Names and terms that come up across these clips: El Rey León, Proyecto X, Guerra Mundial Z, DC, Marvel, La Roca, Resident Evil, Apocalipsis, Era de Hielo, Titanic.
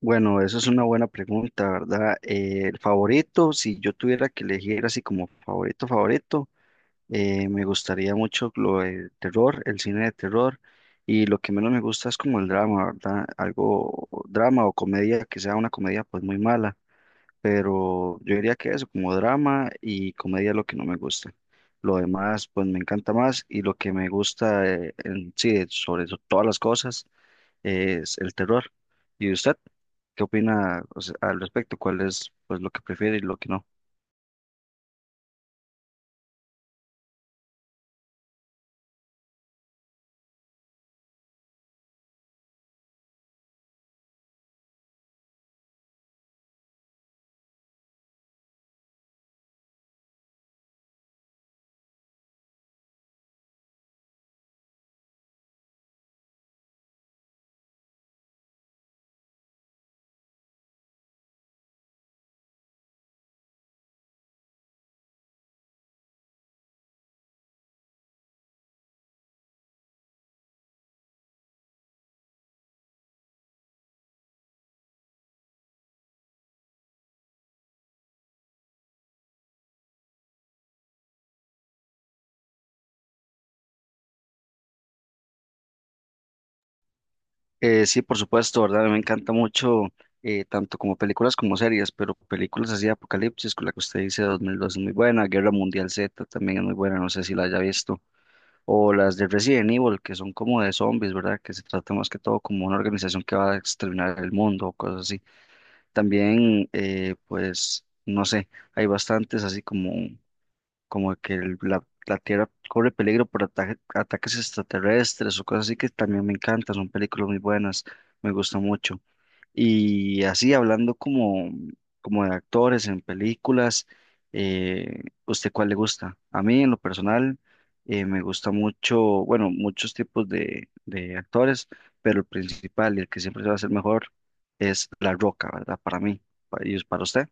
Bueno, eso es una buena pregunta, ¿verdad? El favorito, si yo tuviera que elegir así como favorito, me gustaría mucho lo de terror, el cine de terror, y lo que menos me gusta es como el drama, ¿verdad? Algo drama o comedia, que sea una comedia pues muy mala, pero yo diría que eso, como drama y comedia es lo que no me gusta. Lo demás pues me encanta más y lo que me gusta en sí, sobre todas las cosas es el terror. ¿Y usted qué opina, o sea, al respecto? ¿Cuál es pues lo que prefiere y lo que no? Sí, por supuesto, ¿verdad? Me encanta mucho tanto como películas como series, pero películas así de Apocalipsis, con la que usted dice 2002 es muy buena, Guerra Mundial Z también es muy buena, no sé si la haya visto, o las de Resident Evil, que son como de zombies, ¿verdad? Que se trata más que todo como una organización que va a exterminar el mundo o cosas así. También, pues, no sé, hay bastantes así como la Tierra corre peligro por ataques extraterrestres o cosas así que también me encantan, son películas muy buenas, me gusta mucho. Y así como de actores en películas, ¿usted cuál le gusta? A mí en lo personal me gusta mucho, bueno, muchos tipos de actores, pero el principal y el que siempre se va a hacer mejor es La Roca, ¿verdad? Para mí, para, y para usted.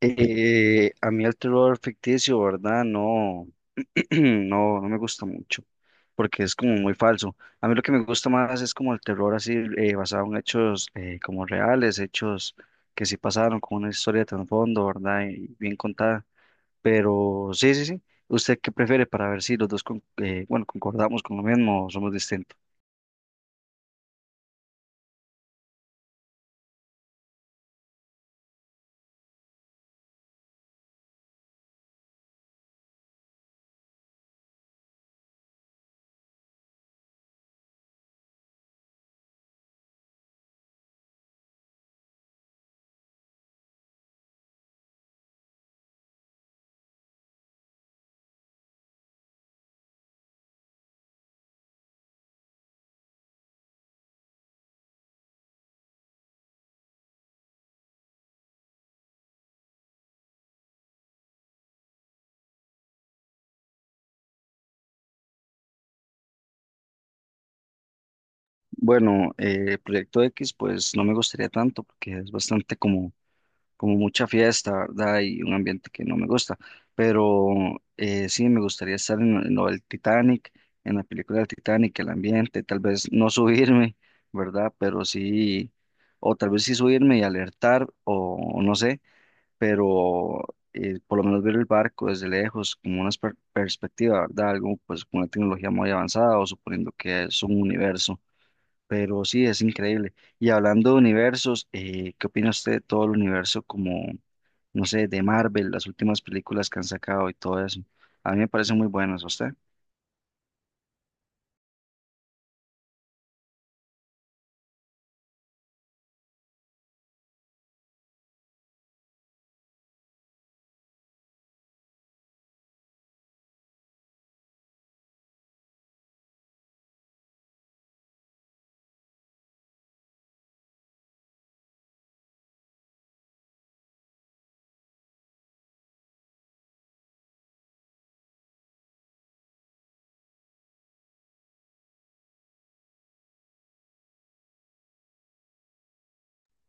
A mí el terror ficticio, ¿verdad? No, no, no me gusta mucho, porque es como muy falso. A mí lo que me gusta más es como el terror así, basado en hechos como reales, hechos que sí pasaron, con una historia de trasfondo, ¿verdad? Y bien contada. Pero sí, sí, sí. ¿Usted qué prefiere para ver si los dos, bueno, concordamos con lo mismo o somos distintos? Bueno, Proyecto X, pues no me gustaría tanto, porque es bastante como mucha fiesta, ¿verdad? Y un ambiente que no me gusta. Pero sí, me gustaría estar en lo del Titanic, en la película del Titanic, el ambiente, tal vez no subirme, ¿verdad? Pero sí, o tal vez sí subirme y alertar, o no sé, pero por lo menos ver el barco desde lejos, como una perspectiva, ¿verdad? Algo pues con una tecnología muy avanzada o suponiendo que es un universo. Pero sí, es increíble. Y hablando de universos, ¿qué opina usted de todo el universo como no sé, de Marvel, las últimas películas que han sacado y todo eso? A mí me parecen muy buenas, ¿a usted?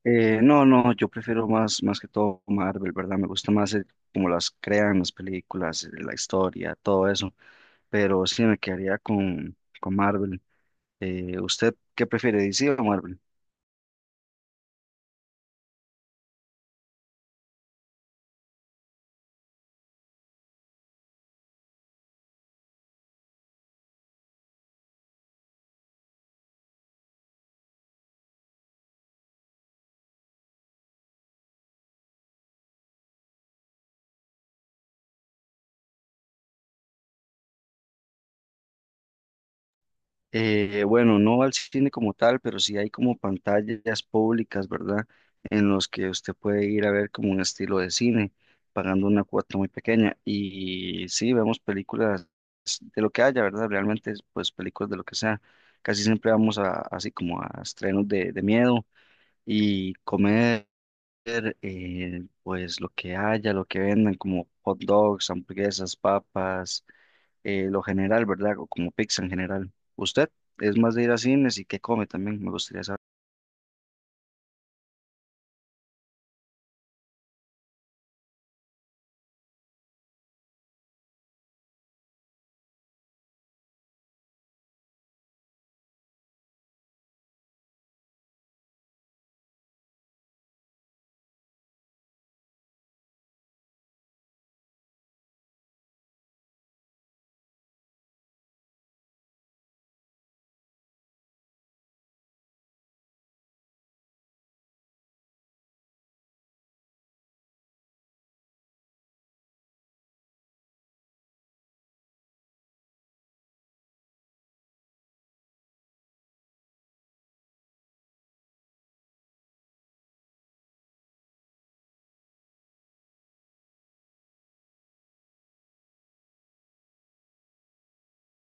No, yo prefiero más, más que todo Marvel, ¿verdad? Me gusta más cómo las crean las películas, la historia, todo eso. Pero sí me quedaría con Marvel. ¿Usted qué prefiere, DC o Marvel? Bueno, no al cine como tal, pero sí hay como pantallas públicas, ¿verdad? En los que usted puede ir a ver como un estilo de cine, pagando una cuota muy pequeña. Y sí, vemos películas de lo que haya, ¿verdad? Realmente, pues películas de lo que sea. Casi siempre vamos a, así como a estrenos de miedo y comer, pues lo que haya, lo que vendan, como hot dogs, hamburguesas, papas lo general, ¿verdad? O como pizza en general. ¿Usted es más de ir a cines y qué come también? Me gustaría saber.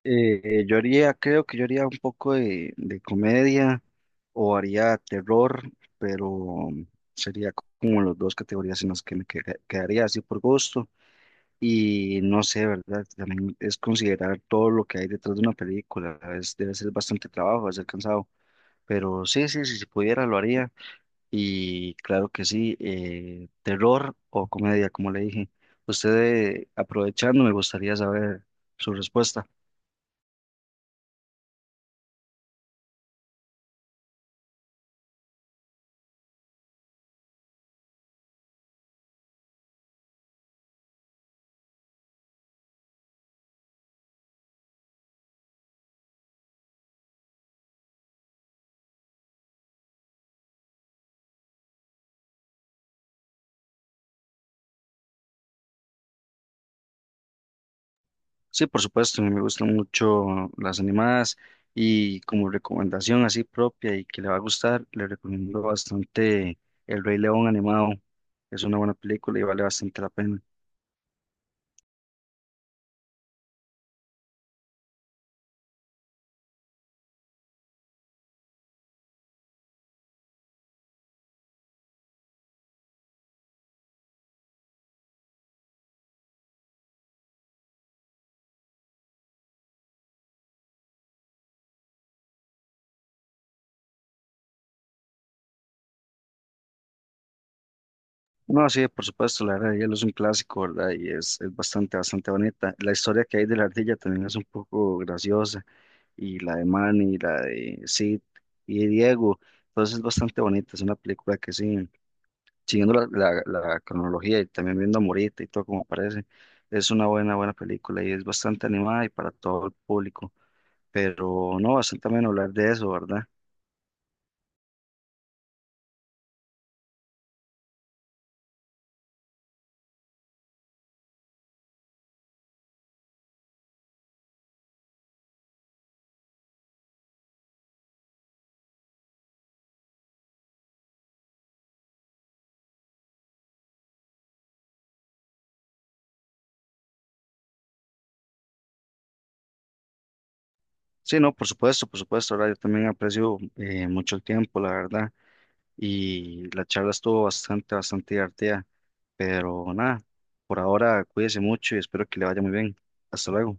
Creo que yo haría un poco de comedia o haría terror, pero sería como las dos categorías en las que me quedaría así por gusto. Y no sé, ¿verdad? También es considerar todo lo que hay detrás de una película. Es, debe ser bastante trabajo, debe ser cansado. Pero sí, sí, sí, si pudiera lo haría. Y claro que sí, terror o comedia, como le dije. Usted, aprovechando, me gustaría saber su respuesta. Sí, por supuesto, me gustan mucho las animadas y como recomendación así propia y que le va a gustar, le recomiendo bastante El Rey León animado. Es una buena película y vale bastante la pena. No, sí, por supuesto, la Era de Hielo es un clásico, ¿verdad? Y es bastante, bastante bonita. La historia que hay de la ardilla también es un poco graciosa y la de Manny, y la de Sid y de Diego. Entonces es bastante bonita, es una película que sí, siguiendo la cronología y también viendo a Morita y todo como parece, es una buena, buena película y es bastante animada y para todo el público. Pero no, bastante también hablar de eso, ¿verdad? Sí, no, por supuesto, ahora yo también aprecio mucho el tiempo, la verdad, y la charla estuvo bastante, bastante divertida, pero nada, por ahora cuídese mucho y espero que le vaya muy bien. Hasta luego.